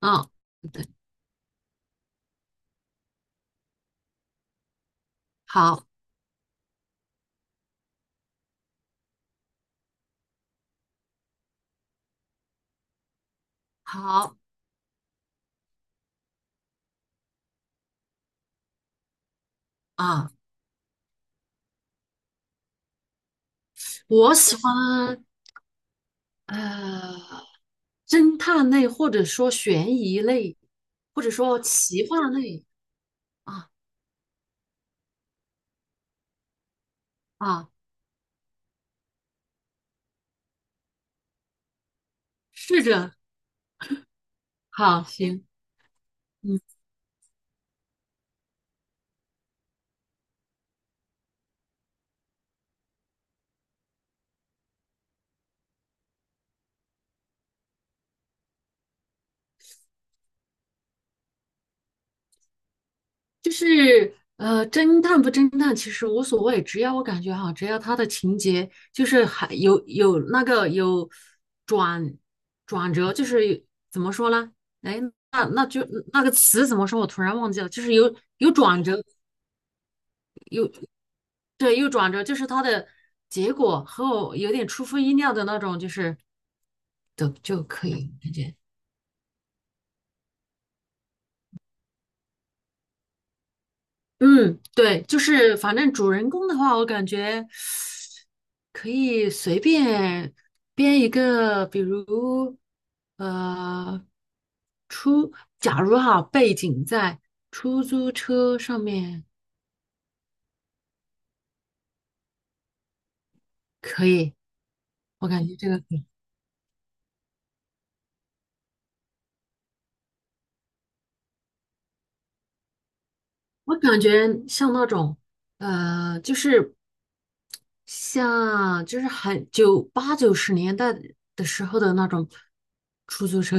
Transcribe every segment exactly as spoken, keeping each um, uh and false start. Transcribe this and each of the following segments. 嗯，对，好，好啊，我喜欢呃侦探类，或者说悬疑类，或者说奇幻类。啊，啊，试着好行。嗯，就是呃侦探不侦探其实无所谓，只要我感觉哈，只要他的情节就是还有有那个有转转折，就是怎么说呢？哎，那那就那个词怎么说？我突然忘记了，就是有有转折。对，又转折，就是它的结果和我有点出乎意料的那种，就是的就可以感觉。嗯，对，就是反正主人公的话，我感觉可以随便编一个，比如呃，出，假如哈，背景在出租车上面。可以，我感觉这个。我感觉像那种，呃，就是像就是很九八九十年代的时候的那种出租车，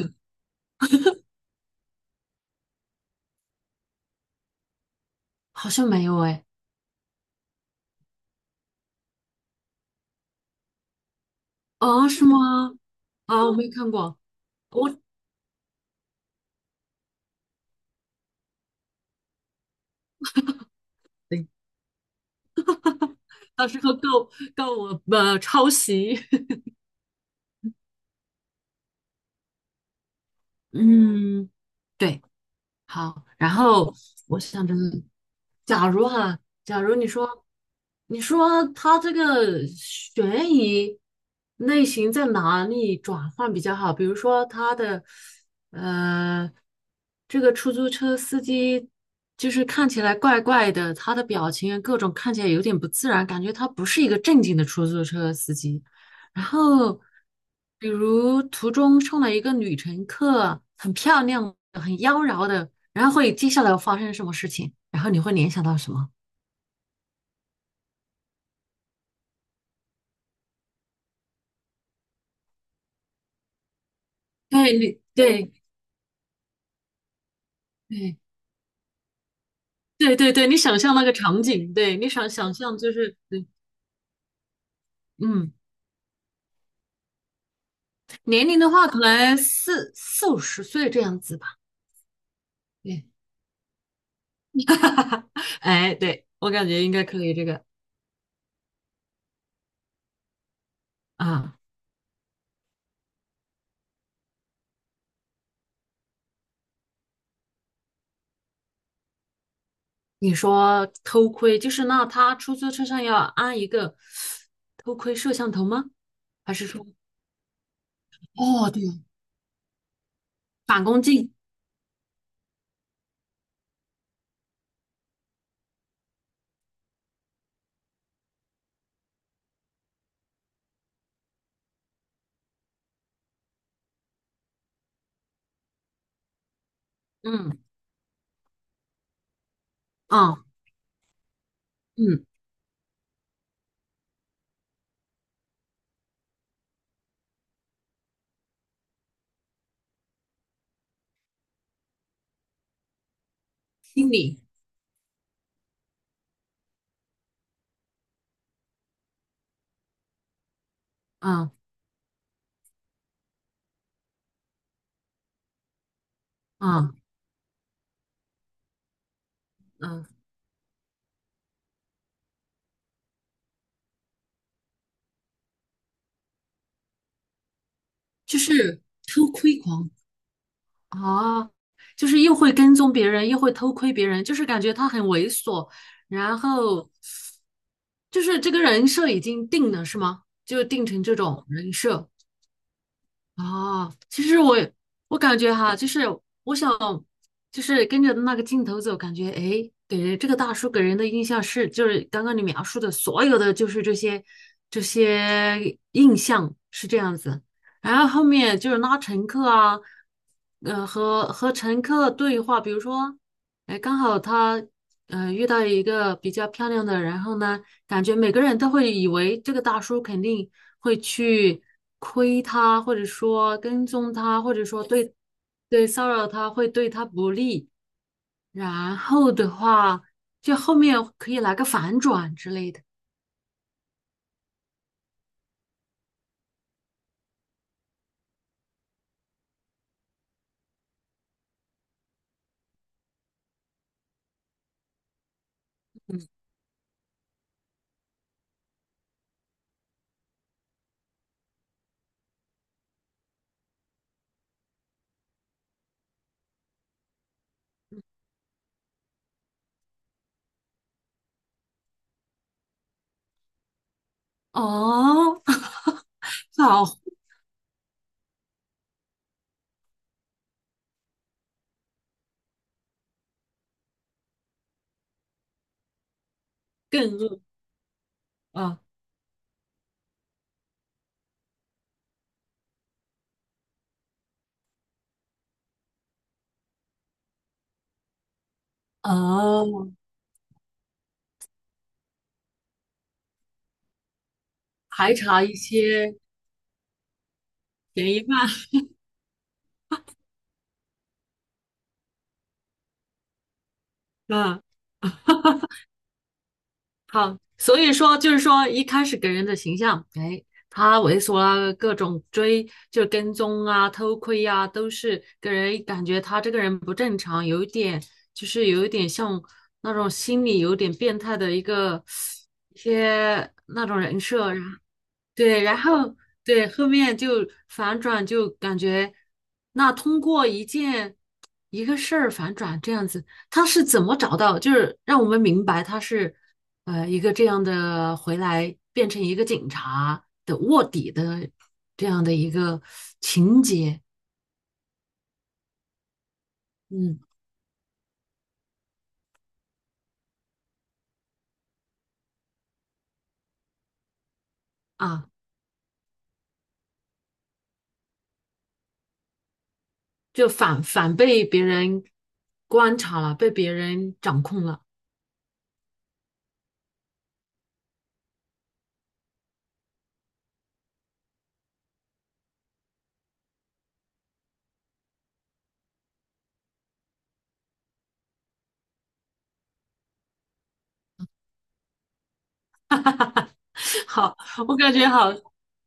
好像没有哎。啊，是吗？啊，我没看过。我对，到时候告告我呃抄袭。嗯，对，好。然后我想着假如哈，假如你说，你说他这个悬疑类型在哪里转换比较好？比如说，他的这个出租车司机就是看起来怪怪的，他的表情啊各种看起来有点不自然，感觉他不是一个正经的出租车司机。然后，比如途中上来一个女乘客，很漂亮的很妖娆的，然后会接下来会发生什么事情？然后你会联想到什么？对，你对对，对对对对对你想象那个场景，对你想想象就是对。嗯，年龄的话，可能四四五十岁这样子吧。对，哎，对，我感觉应该可以这个啊。你说偷窥，就是那他出租车上要安一个偷窥摄像头吗？还是说，哦，对，反光镜？嗯，啊，嗯，啊，啊，嗯，就是偷窥狂。啊，就是又会跟踪别人，又会偷窥别人，就是感觉他很猥琐，然后就是这个人设已经定了，是吗？就定成这种人设。啊，其实我我感觉哈，就是我想，就是跟着那个镜头走，感觉诶，给人这个大叔给人的印象是，就是刚刚你描述的所有的，就是这些这些印象是这样子。然后后面就是拉乘客啊，呃，和和乘客对话，比如说。哎，刚好他呃遇到一个比较漂亮的，然后呢，感觉每个人都会以为这个大叔肯定会去亏他，或者说跟踪他，或者说对，对骚扰他，会对他不利。然后的话，就后面可以来个反转之类的。哦，好，更恶啊。哦，排查一些嫌疑犯啊。好，所以说就是说一开始给人的形象，哎，他猥琐啊，各种追，就跟踪啊，偷窥啊，都是给人感觉他这个人不正常，有一点就是有一点像那种心理有点变态的一个一些那种人设。对，然后对后面就反转，就感觉那通过一件一个事儿反转这样子，他是怎么找到，就是让我们明白他是呃一个这样的回来变成一个警察的卧底的这样的一个情节。嗯啊，就反反被别人观察了，被别人掌控了。好，我感觉好。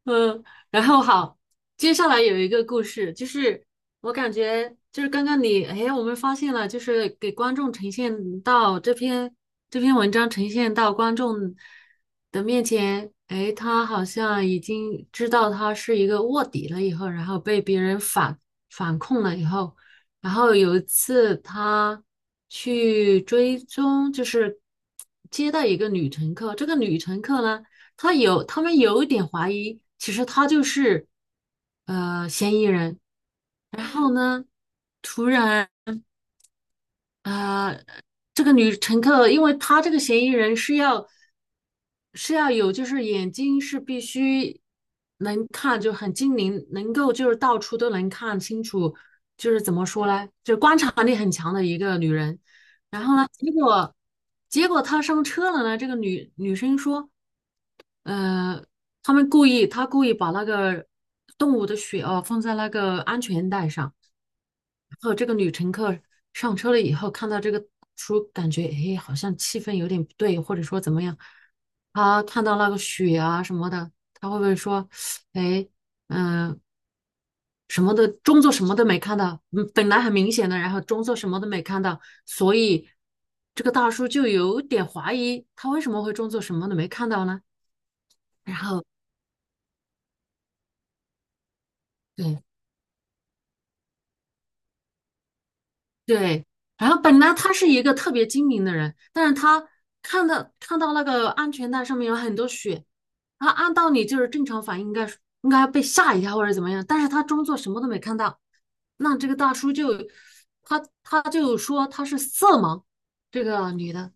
嗯，然后好，接下来有一个故事，就是我感觉就是刚刚你，哎，我们发现了，就是给观众呈现到这篇这篇文章呈现到观众的面前。哎，他好像已经知道他是一个卧底了以后，然后被别人反反控了以后。然后有一次他去追踪，就是接待一个女乘客。这个女乘客呢，她有他们有一点怀疑，其实她就是呃嫌疑人。然后呢，突然呃，这个女乘客，因为她这个嫌疑人是要是要有，就是眼睛是必须能看，就很精灵，能够就是到处都能看清楚，就是怎么说呢，就是观察力很强的一个女人。呢结果结果他上车了呢，这个女女生说，呃，他们故意他故意把那个动物的血哦放在那个安全带上。然后这个女乘客上车了以后，看到这个书，感觉哎，好像气氛有点不对，或者说怎么样，她看到那个血啊什么的，她会不会说，哎，嗯、什么的，装作什么都没看到，嗯，本来很明显的，然后装作什么都没看到，所以这个大叔就有点怀疑他为什么会装作什么都没看到呢？然后对对，然后本来他是一个特别精明的人，但是他看到看到那个安全带上面有很多血，然后按道理就是正常反应应该是应该被吓一跳或者怎么样，但是他装作什么都没看到，那这个大叔就他他就说他是色盲，这个女的。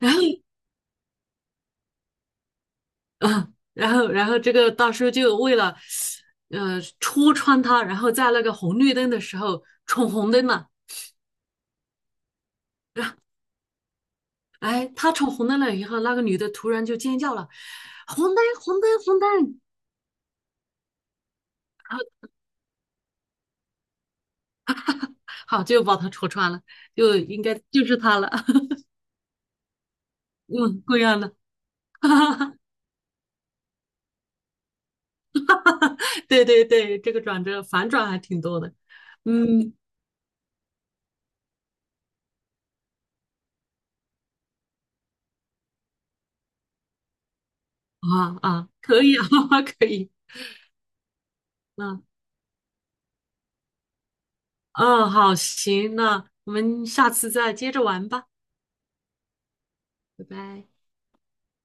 然后啊，然后然后这个大叔就为了呃戳穿他，然后在那个红绿灯的时候闯红灯了。哎，他闯红灯了以后，那个女的突然就尖叫了，红灯红灯红灯，好就把他戳穿了，就应该就是他了。嗯，贵阳的。对对对，这个转折反转还挺多的。嗯啊，啊，可以啊。可以。嗯啊嗯，好，行，那我们下次再接着玩吧。拜拜。